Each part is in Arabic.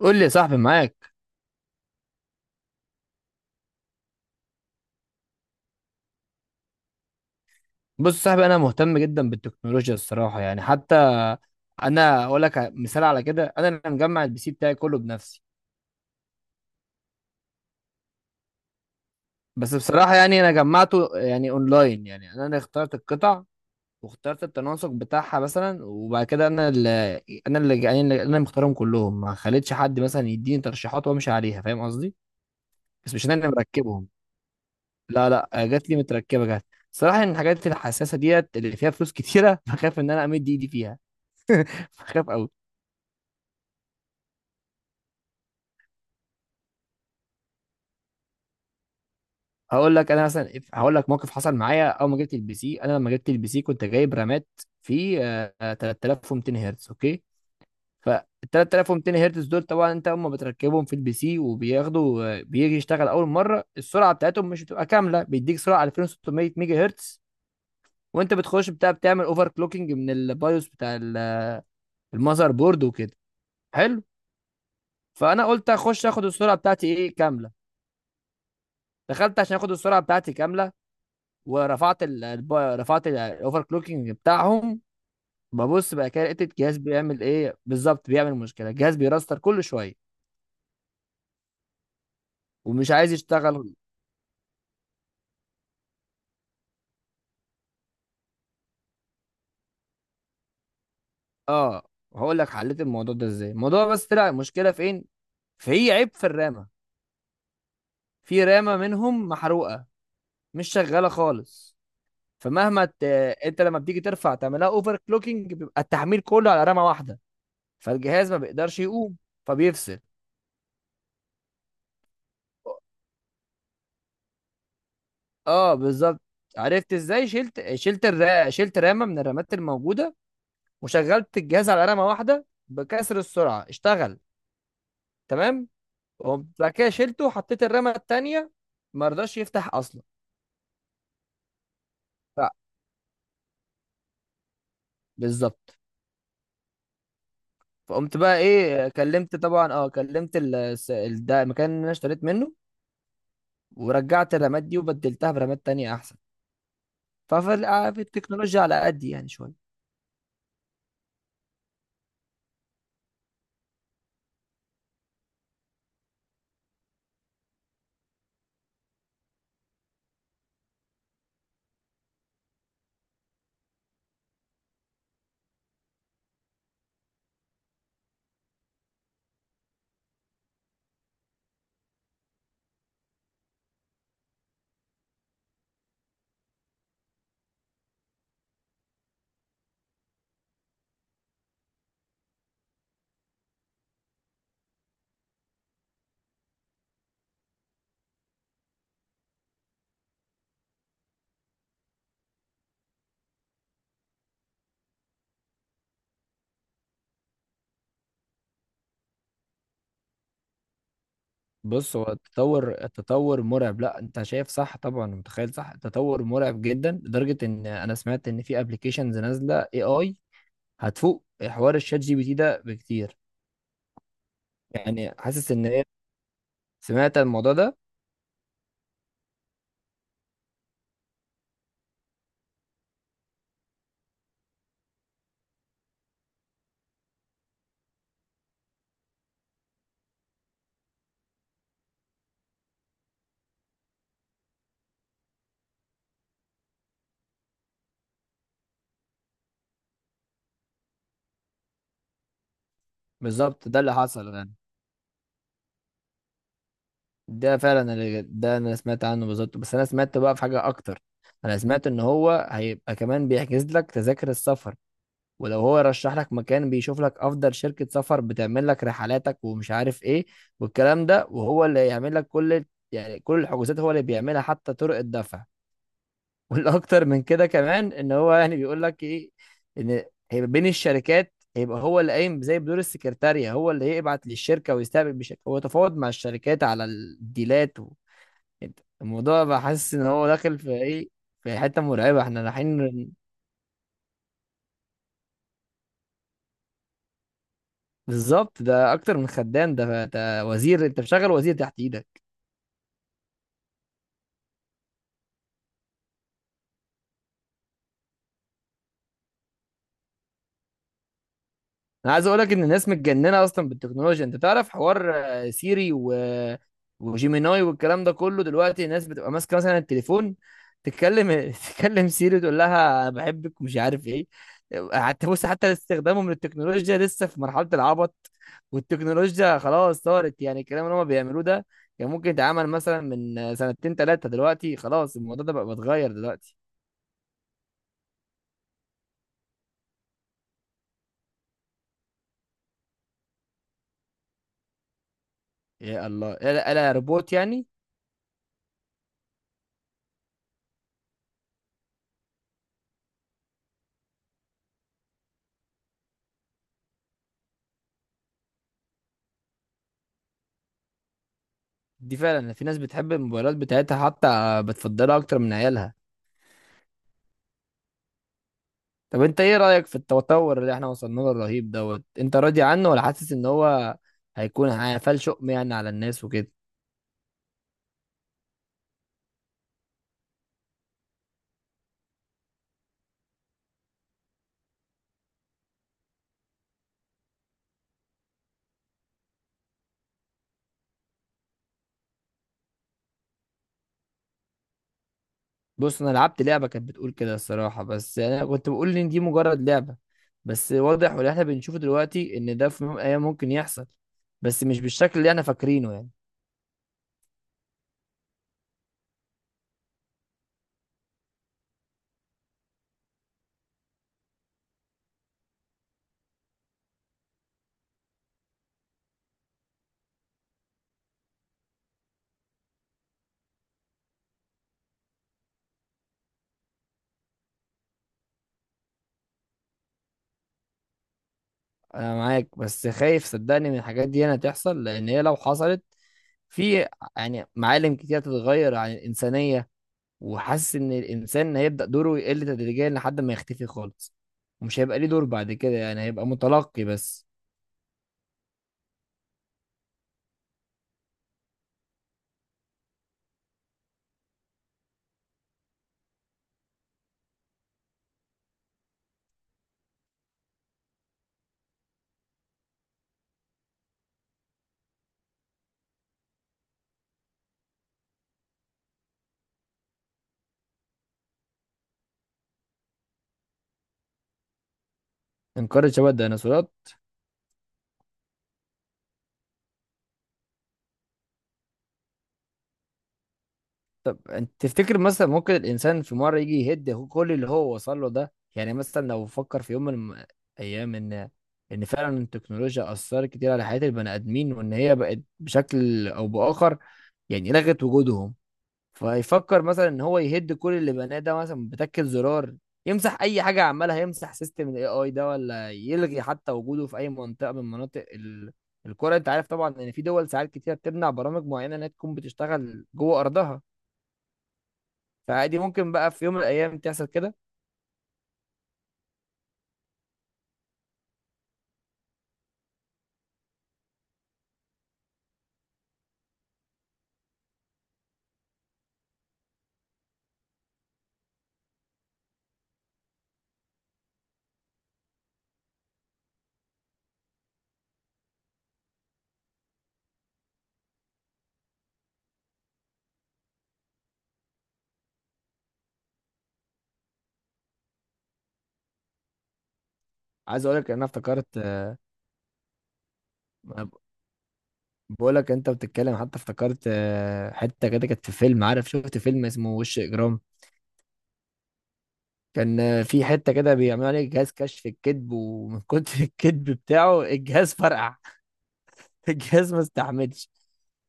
قول لي يا صاحبي، معاك. بص يا صاحبي، انا مهتم جدا بالتكنولوجيا الصراحه يعني. حتى انا اقول لك مثال على كده، انا اللي مجمع البي سي بتاعي كله بنفسي. بس بصراحه يعني انا جمعته يعني اونلاين، يعني انا اللي اخترت القطع واخترت التناسق بتاعها مثلا، وبعد كده انا اللي يعني انا اللي مختارهم كلهم، ما خليتش حد مثلا يديني ترشيحات وامشي عليها، فاهم قصدي؟ بس مش انا اللي مركبهم، لا جات لي متركبه جات. صراحه ان الحاجات الحساسه ديت اللي فيها فلوس كتيره بخاف ان انا امد ايدي فيها، بخاف قوي. هقول لك انا مثلا، هقول لك موقف حصل معايا اول ما جبت البي سي. انا لما جبت البي سي كنت جايب رامات في 3200 هرتز اوكي. فال 3200 هرتز دول طبعا انت اول ما بتركبهم في البي سي وبياخدوا، بيجي يشتغل اول مره السرعه بتاعتهم مش بتبقى كامله، بيديك سرعه 2600 ميجا هرتز. وانت بتخش بتاع، بتعمل اوفر كلوكينج من البايوس بتاع المذر بورد وكده. حلو. فانا قلت اخش اخد السرعه بتاعتي ايه كامله. دخلت عشان اخد السرعه بتاعتي كامله، ورفعت رفعت الاوفر كلوكينج بتاعهم. ببص بقى كده لقيت الجهاز بيعمل ايه بالظبط، بيعمل مشكله، الجهاز بيرستر كل شويه ومش عايز يشتغل. اه، هقول لك حليت الموضوع ده ازاي. الموضوع بس طلع المشكله فين، في عيب في الرامه، في رامه منهم محروقه مش شغاله خالص. فمهما ت... انت لما بتيجي ترفع تعملها اوفر كلوكينج بيبقى التحميل كله على رامه واحده، فالجهاز ما بيقدرش يقوم فبيفصل. اه بالظبط، عرفت ازاي. شلت رامه من الرامات الموجوده وشغلت الجهاز على رامه واحده بكسر السرعه، اشتغل تمام. وقمت بعد كده شلته وحطيت الرامه التانيه، ما رضاش يفتح اصلا. ف- بالظبط. فقمت بقى ايه، كلمت طبعا، اه كلمت ده المكان اللي انا اشتريت منه، ورجعت الرامات دي وبدلتها برامات تانية احسن. ففي في التكنولوجيا على قد يعني شويه. بص، هو التطور مرعب. لا انت شايف صح طبعا، متخيل صح، التطور مرعب جدا، لدرجه ان انا سمعت ان في ابلكيشنز نازله اي اي هتفوق حوار الشات جي بي تي ده بكتير. يعني حاسس ان هي، سمعت الموضوع ده بالظبط. ده اللي حصل يعني. ده فعلا اللي، ده انا سمعت عنه بالظبط. بس انا سمعت بقى في حاجه اكتر، انا سمعت ان هو هيبقى كمان بيحجز لك تذاكر السفر، ولو هو يرشح لك مكان بيشوف لك افضل شركة سفر بتعمل لك رحلاتك ومش عارف ايه والكلام ده، وهو اللي يعمل لك كل، يعني كل الحجوزات هو اللي بيعملها حتى طرق الدفع. والاكتر من كده كمان ان هو يعني بيقول لك ايه، ان هيبقى بين الشركات، هيبقى هو اللي قايم زي بدور السكرتارية، هو اللي يبعت للشركة ويستقبل بشكل، هو تفاوض مع الشركات على الديلات الموضوع بحس ان هو داخل في ايه، في حتة مرعبة احنا رايحين. بالظبط، ده اكتر من خدام، ده ده وزير، انت مشغل وزير تحت ايدك. انا عايز اقول لك ان الناس متجننه اصلا بالتكنولوجيا. انت تعرف حوار سيري وجيميناي والكلام ده كله، دلوقتي الناس بتبقى ماسكه مثلا التليفون تتكلم، تتكلم سيري تقول لها انا بحبك ومش عارف ايه. حتى بص، حتى استخدامهم للتكنولوجيا لسه في مرحله العبط، والتكنولوجيا خلاص صارت يعني، الكلام اللي هم بيعملوه ده كان ممكن يتعمل مثلا من سنتين ثلاثه، دلوقتي خلاص الموضوع ده بقى بيتغير دلوقتي. يا الله، الا يا روبوت يعني. دي فعلا في ناس بتحب الموبايلات بتاعتها حتى بتفضلها اكتر من عيالها. طب انت ايه رأيك في التطور اللي احنا وصلنا له الرهيب دوت؟ انت راضي عنه ولا حاسس ان هو هيكون هيفال شؤم يعني على الناس وكده؟ بص، انا لعبت لعبة كانت بتقول كده الصراحة، بس يعني انا كنت بقول ان دي مجرد لعبة. بس واضح، واللي احنا بنشوفه دلوقتي ان ده في يوم من الايام ممكن يحصل، بس مش بالشكل اللي احنا فاكرينه يعني. انا معاك، بس خايف صدقني من الحاجات دي انا تحصل، لان هي لو حصلت في، يعني معالم كتير هتتغير عن الإنسانية. وحاسس إن الإنسان هيبدأ دوره يقل تدريجيا لحد ما يختفي خالص، ومش هيبقى ليه دور بعد كده يعني، هيبقى متلقي بس. انقرض شبه الديناصورات. طب انت تفتكر مثلا ممكن الإنسان في مرة يجي يهد كل اللي هو وصل له ده؟ يعني مثلا لو فكر في يوم من أيام إن، إن فعلا التكنولوجيا أثرت كتير على حياة البني آدمين وإن هي بقت بشكل أو بآخر يعني لغت وجودهم، فيفكر مثلا ان هو يهد كل اللي بناه ده مثلا بتكة زرار، يمسح اي حاجه، عمالها يمسح سيستم الاي اي ده، ولا يلغي حتى وجوده في اي منطقه من مناطق الكره. انت عارف طبعا ان في دول ساعات كتير بتمنع برامج معينه انها تكون بتشتغل جوه ارضها، فعادي ممكن بقى في يوم من الايام تحصل كده. عايز اقول لك انا افتكرت، بقول لك انت بتتكلم حتى افتكرت، حته كده كانت في فيلم، عارف شفت فيلم اسمه وش اجرام؟ كان في حتة كده بيعملوا عليه جهاز كشف الكذب، ومن كتر الكذب بتاعه الجهاز فرقع، الجهاز ما استحملش.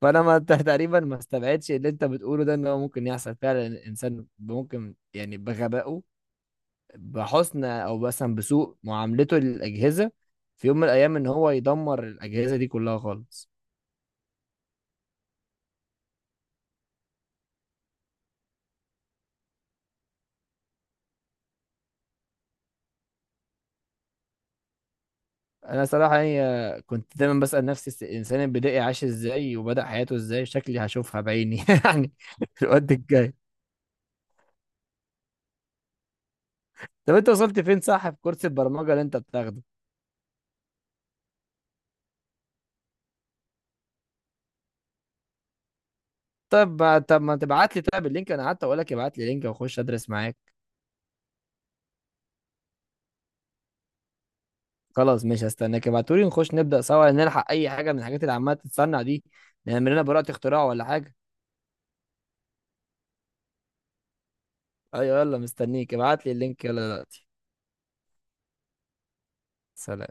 فانا ما تقريبا ما استبعدش اللي انت بتقوله ده، ان هو ممكن يحصل فعلا. الانسان ممكن يعني بغبائه، بحسن او مثلا بسوء معاملته للاجهزه، في يوم من الايام ان هو يدمر الاجهزه دي كلها خالص. انا صراحه يعني، كنت دايما بسال نفسي الانسان البدائي عاش ازاي وبدا حياته ازاي، شكلي هشوفها بعيني يعني في الوقت الجاي. طب انت وصلت فين، صح، في كورس البرمجه اللي انت بتاخده؟ طب ما تبعت لي طيب اللينك؟ انا قعدت اقول لك ابعت لي لينك واخش ادرس معاك. خلاص ماشي، هستناك ابعتولي نخش نبدا سوا، نلحق اي حاجه من الحاجات اللي عماله تتصنع دي، نعمل لنا براءه اختراع ولا حاجه. ايوه يلا، مستنيك ابعت لي اللينك يلا دلوقتي. سلام.